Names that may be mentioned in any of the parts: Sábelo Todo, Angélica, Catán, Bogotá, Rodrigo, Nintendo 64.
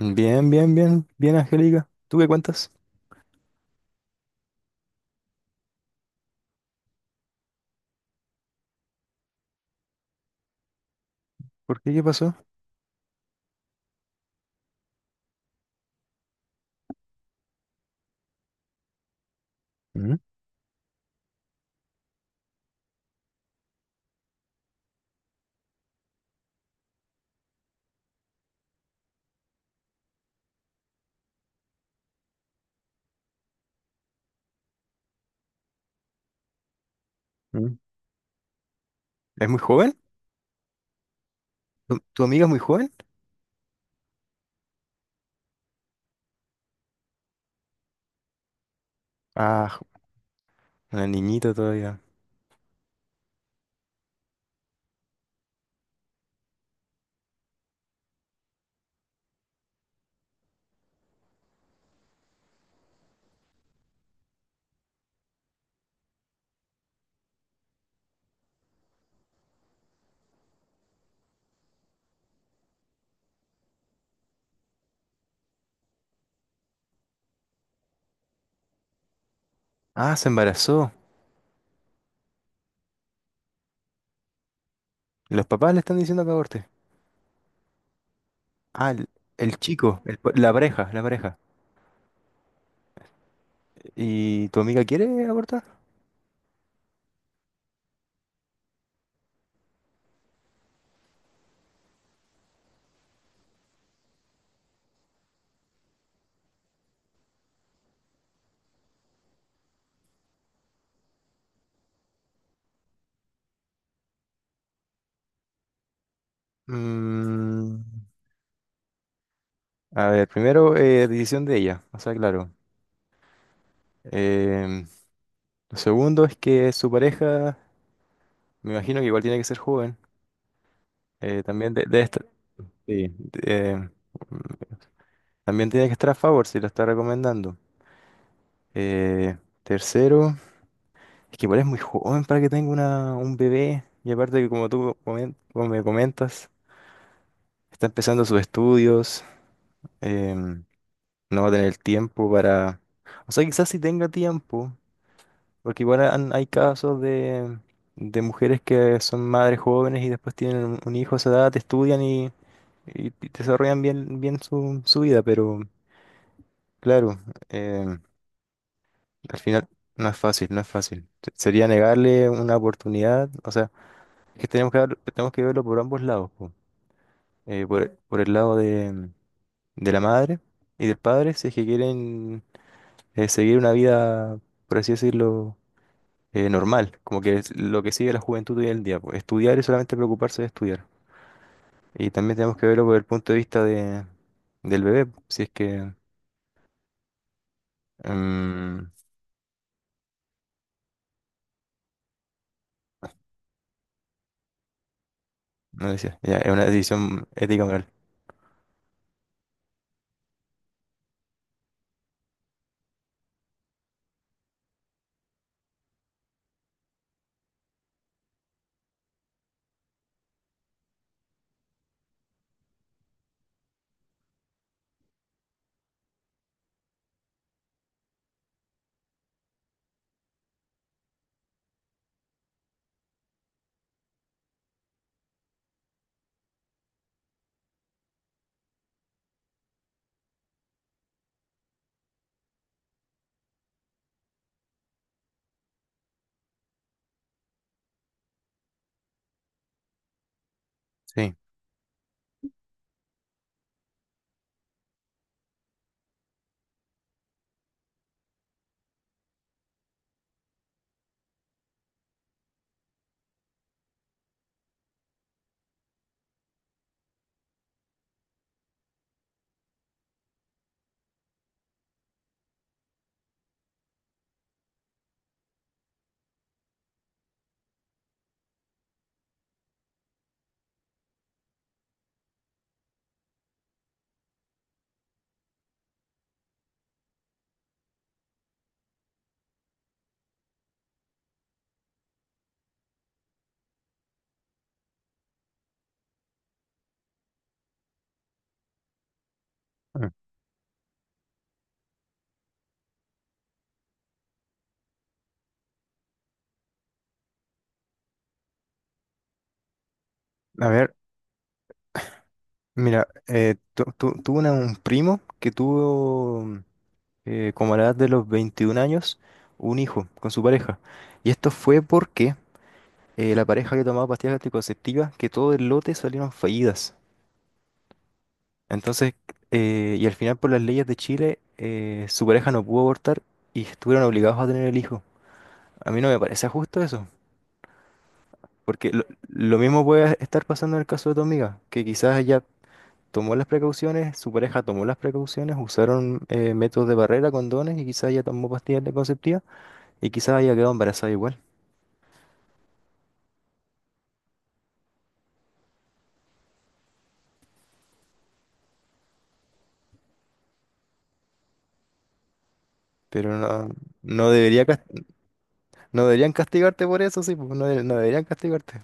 Bien, bien, bien, bien, Angélica. ¿Tú qué cuentas? ¿Por qué? ¿Qué pasó? Mm, mm. ¿Es muy joven? ¿Tu amiga es muy joven? Ah, jo- una niñita todavía. Ah, se embarazó. Los papás le están diciendo que aborte. Ah, el, el chico, la pareja, la pareja. ¿Y tu amiga quiere abortar? Mm, a ver, primero, decisión de ella, o sea, claro. Em, lo segundo es que su pareja, me imagino que igual tiene que ser joven. También sí, em, también tiene que estar a favor si lo está recomendando. Eh, Tercero, es que igual es muy joven para que tenga un bebé. Y aparte que como me comentas, está empezando sus estudios. em, no va a tener tiempo para... O sea, quizás sí tenga tiempo, porque hay casos de mujeres que son madres jóvenes y después tienen un hijo a esa edad, estudian y desarrollan bien, bien su, su vida, pero claro. em, Al final, no es fácil, no es fácil. Sería negarle una oportunidad, o sea, que tenemos que, tenemos que verlo por ambos lados, po. Por, ujú, por el lado de la madre y del padre, si es que quieren seguir una vida, por así decirlo, normal, como que es lo que sigue la juventud hoy en día, po, estudiar y solamente preocuparse de estudiar. Y también tenemos que verlo por el punto de vista de, del bebé, po, si es que, mm, no decía, ya, es una decisión ética moral. Sí. Mm. A ver. Mira, tuve un primo que tuvo, como a la edad de los 21 años, un hijo con su pareja. Y esto fue porque la pareja que tomaba pastillas anticonceptivas, que todo el lote salieron fallidas. Entonces, y al final por las leyes de Chile, su pareja no pudo abortar y estuvieron obligados a tener el hijo. A mí no me parece justo eso, porque lo mismo puede estar pasando en el caso de tu amiga, que quizás ella tomó las precauciones, su pareja tomó las precauciones, usaron métodos de barrera, condones, y quizás ella tomó pastillas anticonceptivas y quizás haya quedado embarazada igual. Pero no, no debería, cas- no deberían castigarte por eso, sí, pues, no deberían castigarte.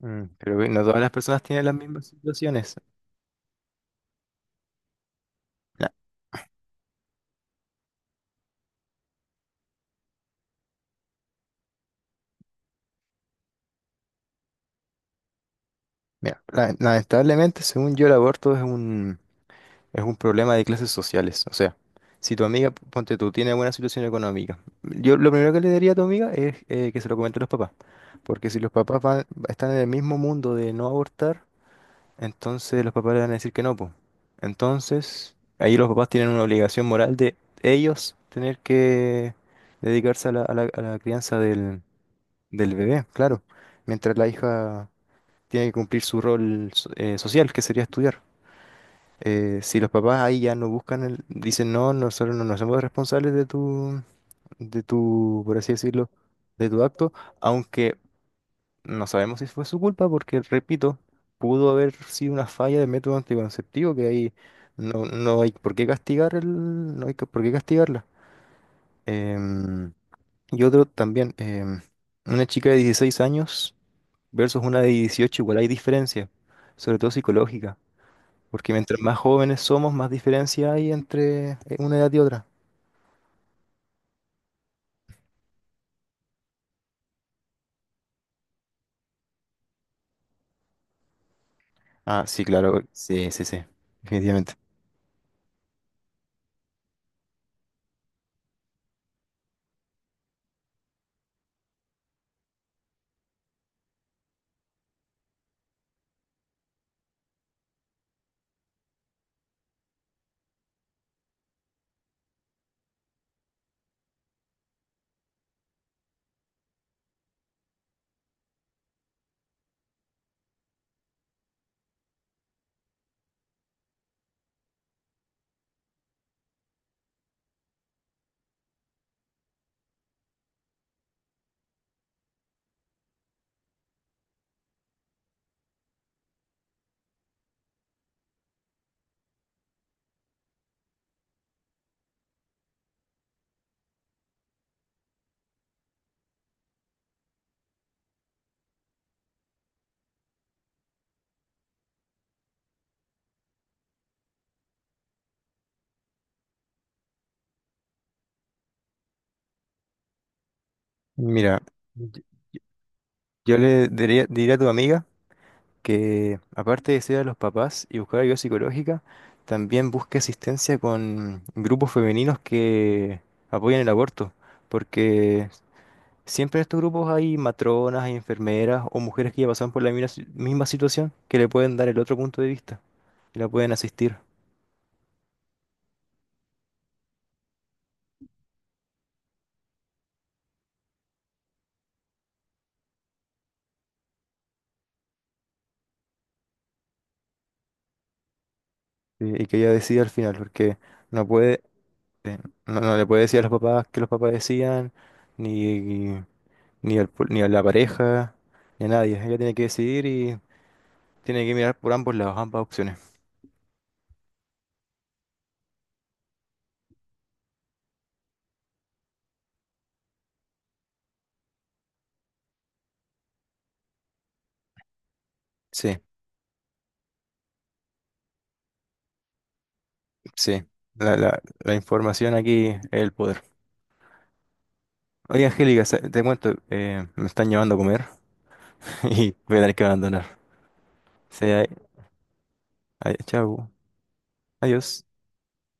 Mm, pero que no todas las personas tienen las mismas situaciones. La- Mira, lamentablemente, según yo, el aborto es un, es un problema de clases sociales. O sea, si tu amiga, ponte tú, tiene buena situación económica, yo lo primero que le diría a tu amiga es que se lo comente a los papás. Porque si los papás están en el mismo mundo de no abortar, entonces los papás le van a decir que no, pues. Entonces, ahí los papás tienen una obligación moral de ellos tener que dedicarse a la crianza del, del bebé, claro. Mientras la hija tiene que cumplir su rol social, que sería estudiar. Si los papás ahí ya no buscan el, dicen no, nosotros no nos somos responsables de tu, por así decirlo, de tu acto, aunque no sabemos si fue su culpa, porque repito, pudo haber sido una falla de método anticonceptivo que ahí no, no hay por qué castigar el, no hay que- por qué castigarla. Em, y otro también, una chica de 16 años versus una de 18 igual hay diferencia, sobre todo psicológica. Porque mientras más jóvenes somos, más diferencia hay entre una edad y otra. Ah, sí, claro, sí, sí, sí, definitivamente. Mira, y- yo le diría, diría a tu amiga que aparte de ser a los papás y buscar ayuda psicológica, también busque asistencia con grupos femeninos que apoyen el aborto, porque siempre en estos grupos hay matronas, hay enfermeras o mujeres que ya pasan por la misma si- misma situación, que le pueden dar el otro punto de vista y la pueden asistir. Sí, y que ella decida al final, porque no puede, eh, no, no le puede decir a los papás que los papás decían, ni, ni, ni a la pareja, ni a nadie. Ella tiene que decidir y tiene que mirar por ambos lados, ambas opciones. Sí, sí. La información aquí es el poder. Oye, Angélica, te cuento, me están llevando a comer y voy a tener que abandonar. Sí, ahí- chau. Adiós.